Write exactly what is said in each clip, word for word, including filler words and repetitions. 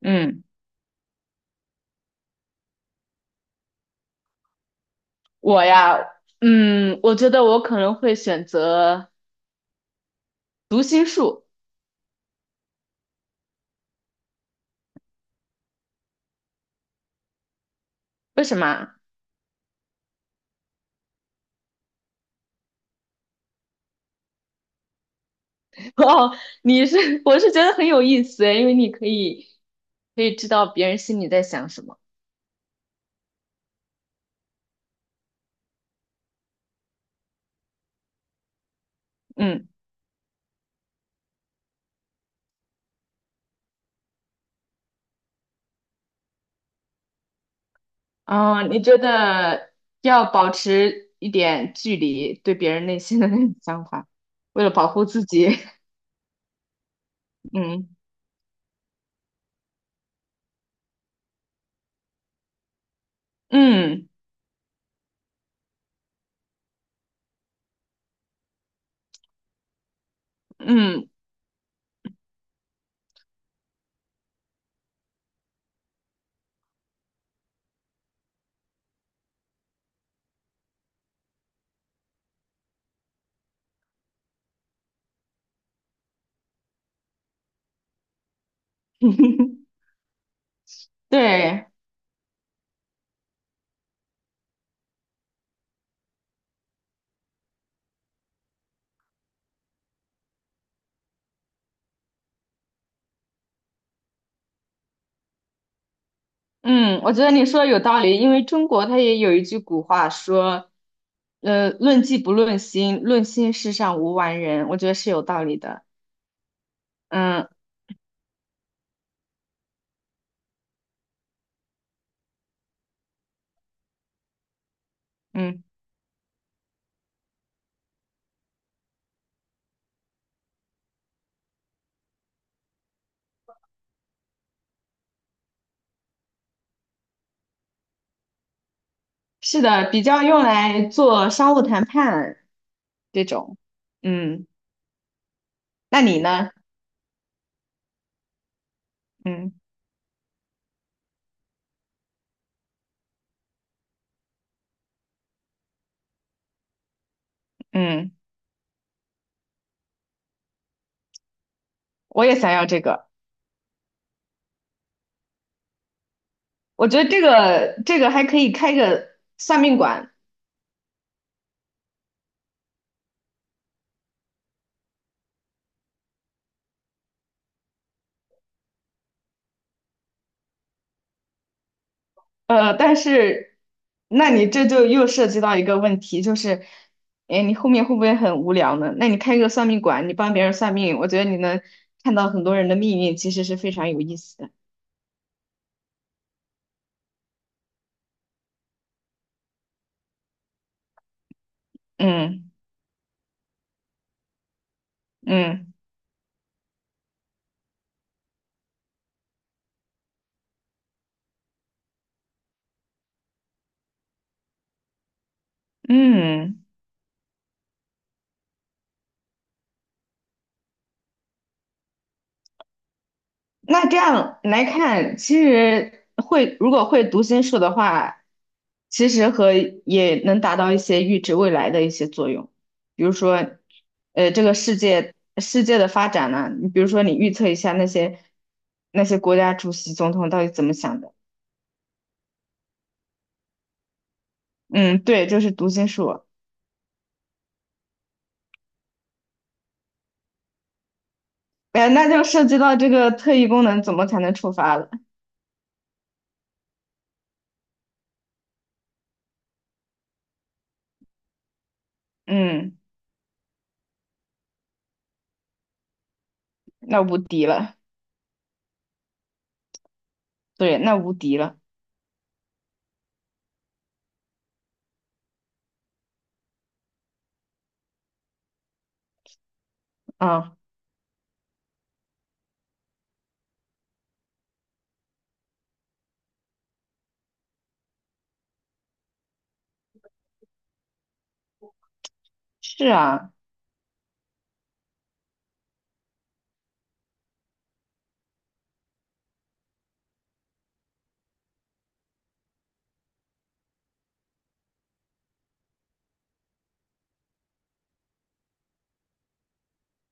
嗯，我呀，嗯，我觉得我可能会选择读心术，为什么啊？ 哦，你是，我是觉得很有意思，因为你可以可以知道别人心里在想什么。嗯，哦，你觉得要保持一点距离，对别人内心的那种想法，为了保护自己。嗯嗯嗯。对。嗯，我觉得你说的有道理，因为中国它也有一句古话说，呃，论迹不论心，论心世上无完人，我觉得是有道理的。嗯嗯，是的，比较用来做商务谈判这种。嗯，那你呢？嗯嗯，我也想要这个，我觉得这个这个还可以开个算命馆。呃，但是，那你这就又涉及到一个问题，就是，哎，你后面会不会很无聊呢？那你开个算命馆，你帮别人算命，我觉得你能看到很多人的命运，其实是非常有意思的。嗯嗯嗯。那这样来看，其实会如果会读心术的话，其实和也能达到一些预知未来的一些作用。比如说，呃，这个世界世界的发展呢、你比如说你预测一下那些那些国家主席、总统到底怎么想的。嗯，对，就是读心术。哎，那就涉及到这个特异功能怎么才能触发了。嗯，那无敌了。对，那无敌了。嗯，是啊。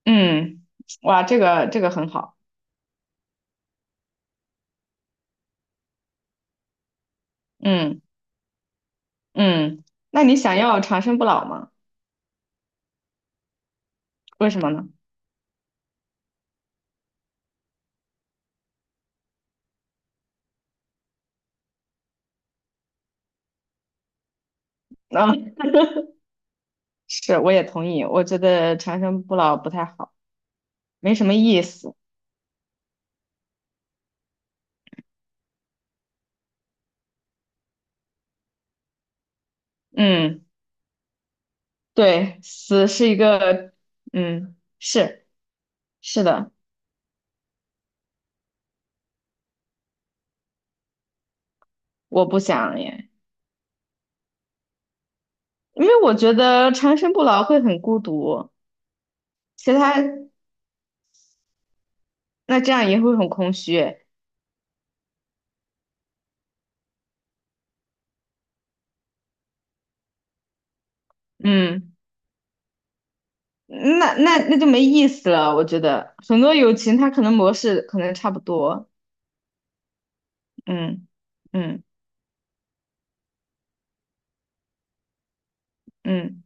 嗯，哇，这个这个很好。嗯嗯，那你想要长生不老吗？为什么呢？啊，是，我也同意，我觉得长生不老不太好，没什么意思。嗯，对，死是一个，嗯，是是的，我不想耶，因为我觉得长生不老会很孤独。其他那这样也会很空虚。嗯，那那那就没意思了，我觉得很多友情它可能模式可能差不多。嗯嗯嗯，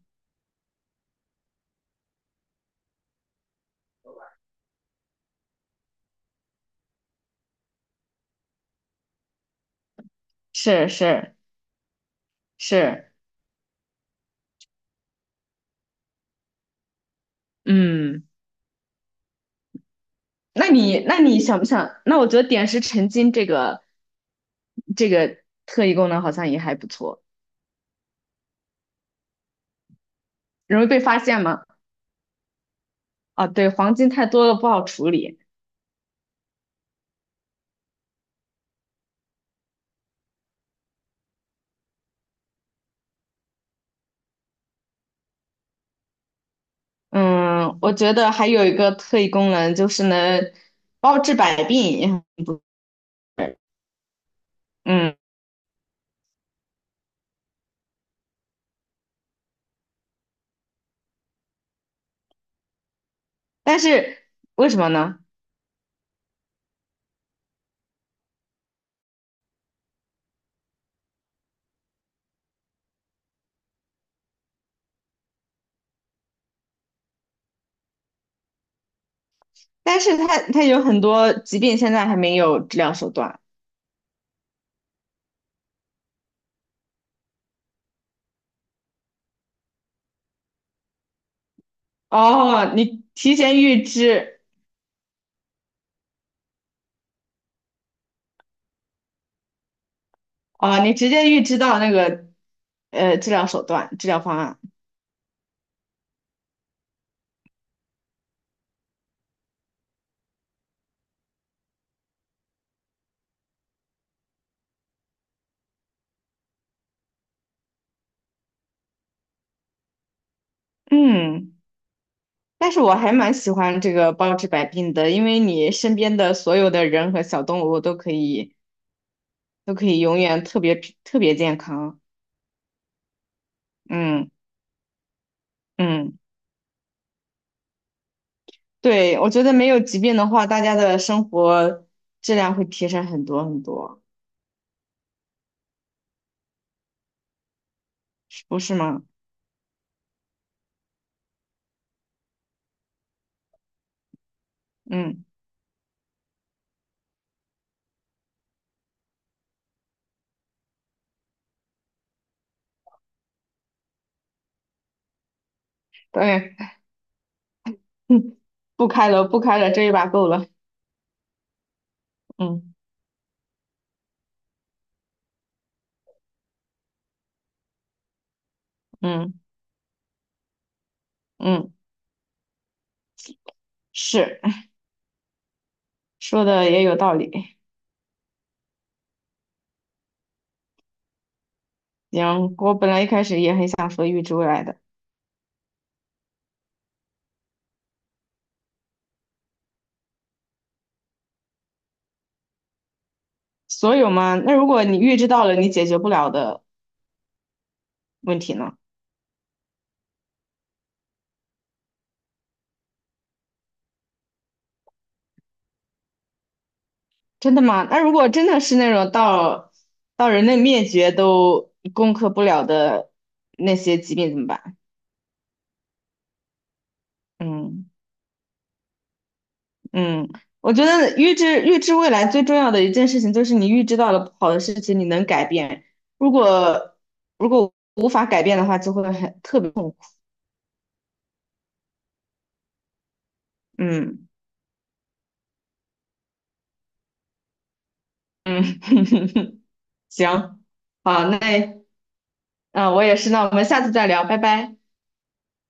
是是。是，嗯，那你那你想不想？那我觉得点石成金这个这个特异功能好像也还不错，容易被发现吗？啊，对，黄金太多了不好处理。嗯，我觉得还有一个特异功能就是能包治百病，也很不，嗯，但是为什么呢？但是它它有很多疾病现在还没有治疗手段。哦，你提前预知，啊，你直接预知到那个呃治疗手段、治疗方案。嗯，但是我还蛮喜欢这个包治百病的，因为你身边的所有的人和小动物都可以都可以永远特别特别健康。嗯嗯，对，我觉得没有疾病的话，大家的生活质量会提升很多很多，是不是吗？嗯，对，不开了不开了，这一把够了。嗯嗯嗯，是。 说的也有道理。行，我本来一开始也很想说预知未来的，所有吗？那如果你预知到了你解决不了的问题呢？真的吗？那如果真的是那种到到人类灭绝都攻克不了的那些疾病怎么办？嗯嗯，我觉得预知预知未来最重要的一件事情就是你预知到了不好的事情，你能改变。如果如果无法改变的话，就会很特别痛苦。嗯嗯，行，好，那。啊，我也是，那我们下次再聊，拜拜。